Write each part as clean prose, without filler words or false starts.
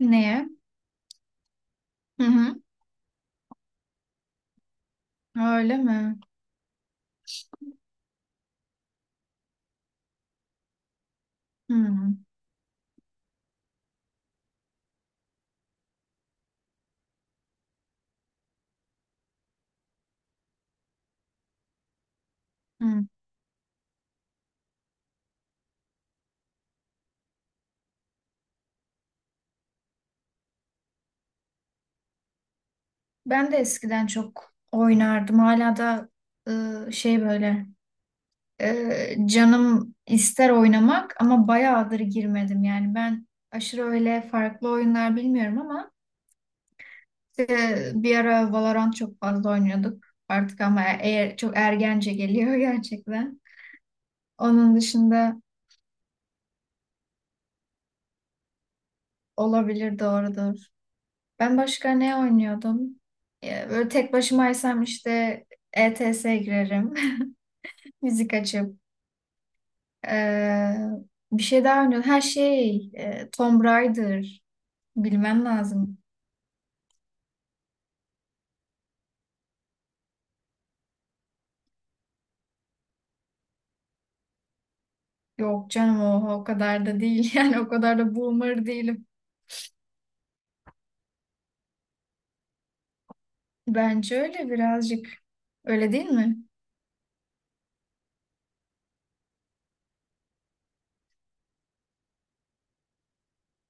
Neye? Hı hı. Öyle mi? Hı hı. Ben de eskiden çok oynardım. Hala da şey böyle canım ister oynamak ama bayağıdır girmedim. Yani ben aşırı öyle farklı oyunlar bilmiyorum ama bir ara Valorant çok fazla oynuyorduk. Artık ama eğer çok ergence geliyor gerçekten. Onun dışında olabilir doğrudur. Ben başka ne oynuyordum? Böyle tek başımaysam işte E T S girerim. Müzik açıp. Ee, bir şey daha oynuyordum. Her şey Tomb Raider. Bilmem lazım. Yok canım o kadar da değil. Yani o kadar da boomer değilim. Bence öyle birazcık. Öyle değil mi?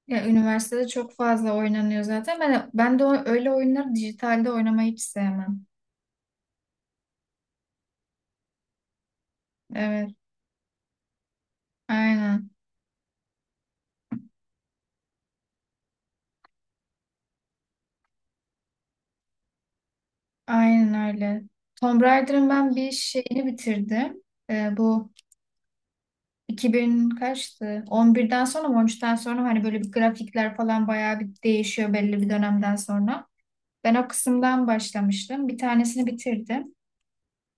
Ya üniversitede çok fazla oynanıyor zaten. Ben de öyle oyunları dijitalde oynamayı hiç sevmem. Evet, aynen. Aynen öyle. Tomb Raider'ın ben bir şeyini bitirdim. Bu 2000 kaçtı? 11'den sonra mı 13'ten sonra mı? Hani böyle bir grafikler falan bayağı bir değişiyor belli bir dönemden sonra. Ben o kısımdan başlamıştım. Bir tanesini bitirdim.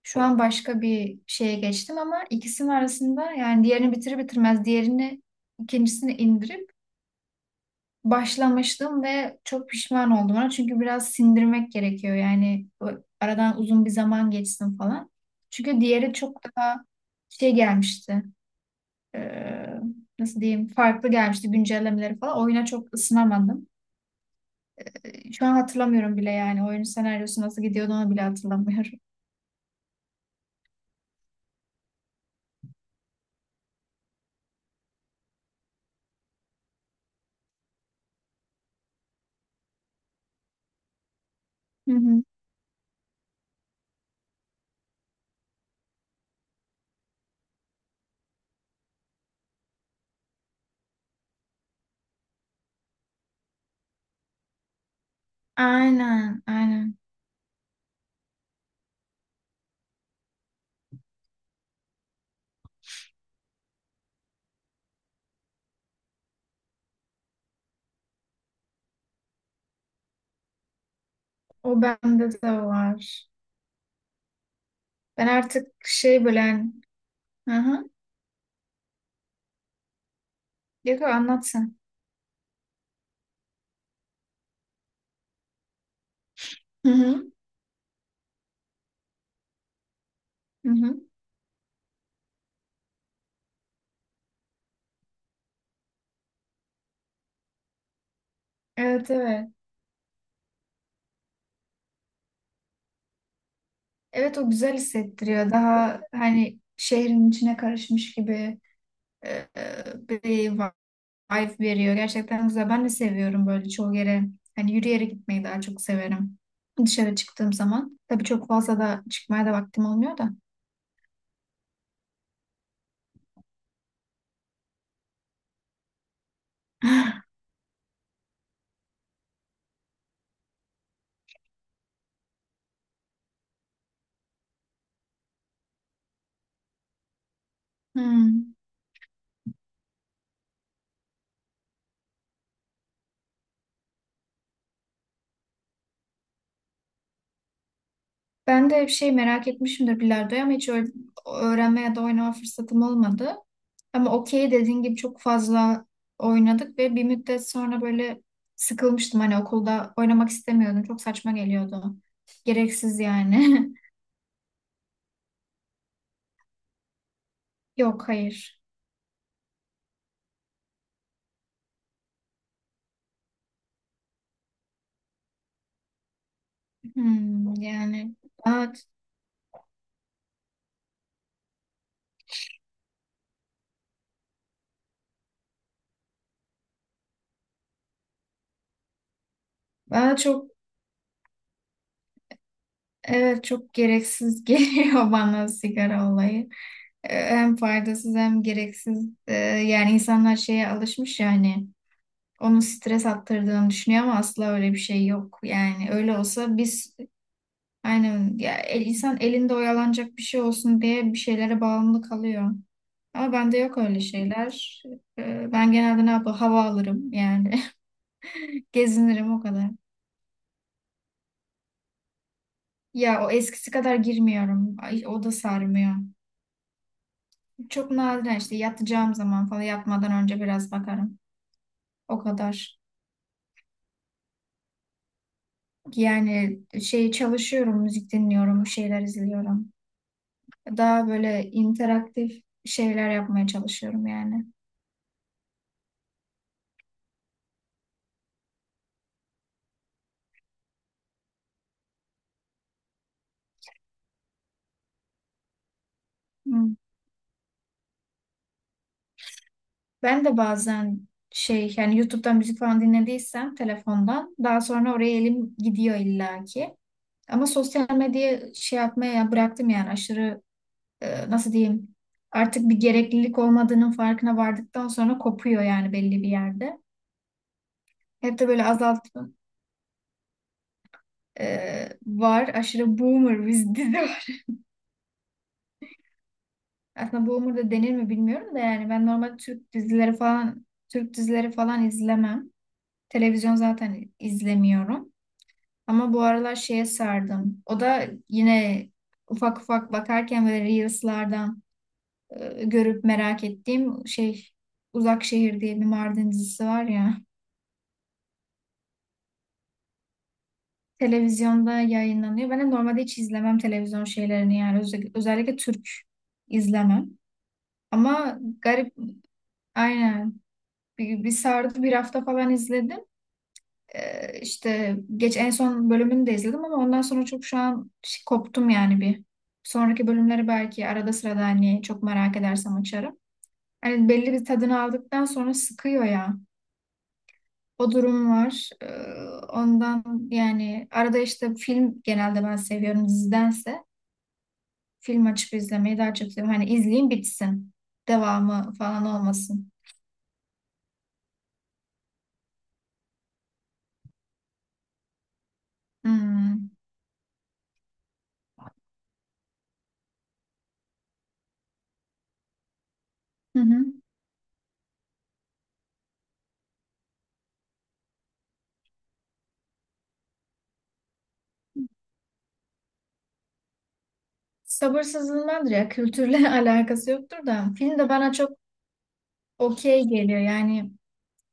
Şu an başka bir şeye geçtim ama ikisinin arasında yani diğerini bitirir bitirmez diğerini ikincisini indirip başlamıştım ve çok pişman oldum ona. Çünkü biraz sindirmek gerekiyor. Yani aradan uzun bir zaman geçsin falan. Çünkü diğeri çok daha şey gelmişti. Ee, nasıl diyeyim? Farklı gelmişti güncellemeleri falan. Oyuna çok ısınamadım. Şu an hatırlamıyorum bile yani. Oyunun senaryosu nasıl gidiyordu onu bile hatırlamıyorum. Hı hı. Aynen, aynen. O bende de var. Ben artık şey böyle... Hı hı. Yok, anlatsın. Hı hı. Hı hı. Evet, evet. Evet o güzel hissettiriyor. Daha hani şehrin içine karışmış gibi e, bir vibe veriyor. Gerçekten güzel. Ben de seviyorum böyle çoğu yere. Hani yürüyerek gitmeyi daha çok severim. Dışarı çıktığım zaman. Tabii çok fazla da çıkmaya da vaktim olmuyor da. Hmm. Ben de şey merak etmişimdir bilardoyu ama hiç öyle öğrenme ya da oynama fırsatım olmadı. Ama okey dediğin gibi çok fazla oynadık ve bir müddet sonra böyle sıkılmıştım. Hani okulda oynamak istemiyordum. Çok saçma geliyordu. Gereksiz yani. Yok hayır. Hmm, yani bana, bana çok, evet, çok gereksiz geliyor bana sigara olayı. Hem faydasız hem gereksiz. Yani insanlar şeye alışmış yani onu stres attırdığını düşünüyor ama asla öyle bir şey yok. Yani öyle olsa biz aynen ya insan elinde oyalanacak bir şey olsun diye bir şeylere bağımlı kalıyor. Ama bende yok öyle şeyler. Ben genelde ne yapayım? Hava alırım yani. Gezinirim o kadar. Ya o eskisi kadar girmiyorum. Ay, o da sarmıyor. Çok nadiren işte yatacağım zaman falan yatmadan önce biraz bakarım. O kadar. Yani şey çalışıyorum, müzik dinliyorum, bir şeyler izliyorum. Daha böyle interaktif şeyler yapmaya çalışıyorum yani. Hı. Ben de bazen şey yani YouTube'dan müzik falan dinlediysem telefondan daha sonra oraya elim gidiyor illaki. Ama sosyal medyayı şey yapmaya bıraktım yani aşırı nasıl diyeyim artık bir gereklilik olmadığının farkına vardıktan sonra kopuyor yani belli bir yerde. Hep de böyle azalt var aşırı boomer biz dizi. Aslında boomer da denir mi bilmiyorum da yani ben normal Türk dizileri falan Türk dizileri falan izlemem. Televizyon zaten izlemiyorum. Ama bu aralar şeye sardım. O da yine ufak ufak bakarken böyle Reels'lardan görüp merak ettiğim şey Uzak Şehir diye bir Mardin dizisi var ya. Televizyonda yayınlanıyor. Ben de normalde hiç izlemem televizyon şeylerini yani. Özellikle Türk izlemem. Ama garip aynen bir sardı bir hafta falan izledim. İşte geç en son bölümünü de izledim ama ondan sonra çok şu an koptum yani bir. Sonraki bölümleri belki arada sırada hani çok merak edersem açarım. Hani belli bir tadını aldıktan sonra sıkıyor ya. O durum var. Ondan yani arada işte film genelde ben seviyorum dizidense. Film açıp izlemeyi daha çok seviyorum. Hani izleyeyim bitsin. Devamı falan olmasın. Hmm. Hı hı. Sabırsızlığımdandır ya. Kültürle alakası yoktur da. Film de bana çok okey geliyor. Yani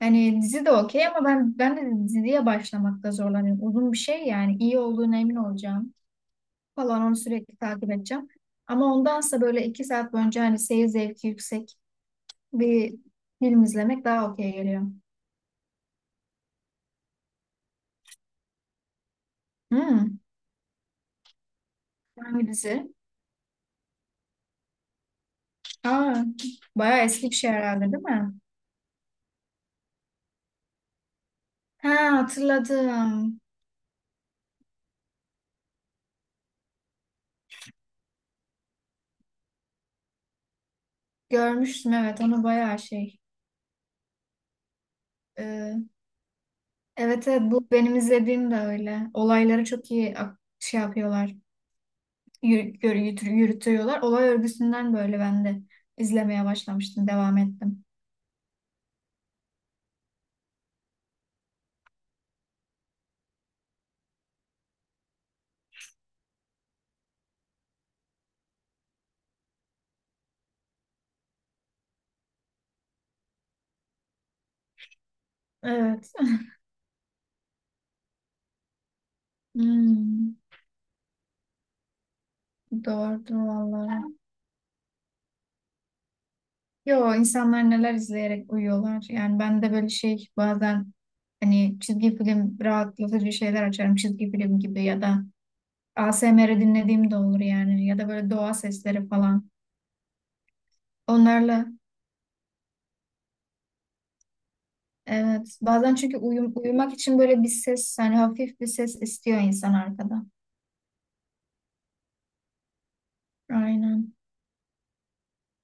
yani dizi de okey ama ben de diziye başlamakta zorlanıyorum. Uzun bir şey yani iyi olduğuna emin olacağım falan onu sürekli takip edeceğim. Ama ondansa böyle 2 saat boyunca hani seyir zevki yüksek bir film izlemek daha okey geliyor. Hmm, hangi dizi? Aa, bayağı eski bir şey herhalde değil mi? Ha, hatırladım. Görmüştüm evet onu bayağı şey. Ee, evet, evet, bu benim izlediğim de öyle. Olayları çok iyi şey yapıyorlar. Yürütüyorlar. Olay örgüsünden böyle ben de izlemeye başlamıştım, devam ettim. Evet. Hmm, doğrudur vallahi. Yo insanlar neler izleyerek uyuyorlar. Yani ben de böyle şey bazen hani çizgi film rahatlatıcı şeyler açarım. Çizgi film gibi ya da A S M R dinlediğim de olur yani. Ya da böyle doğa sesleri falan. Onlarla evet. Bazen çünkü uyumak için böyle bir ses hani hafif bir ses istiyor insan arkada. Aynen.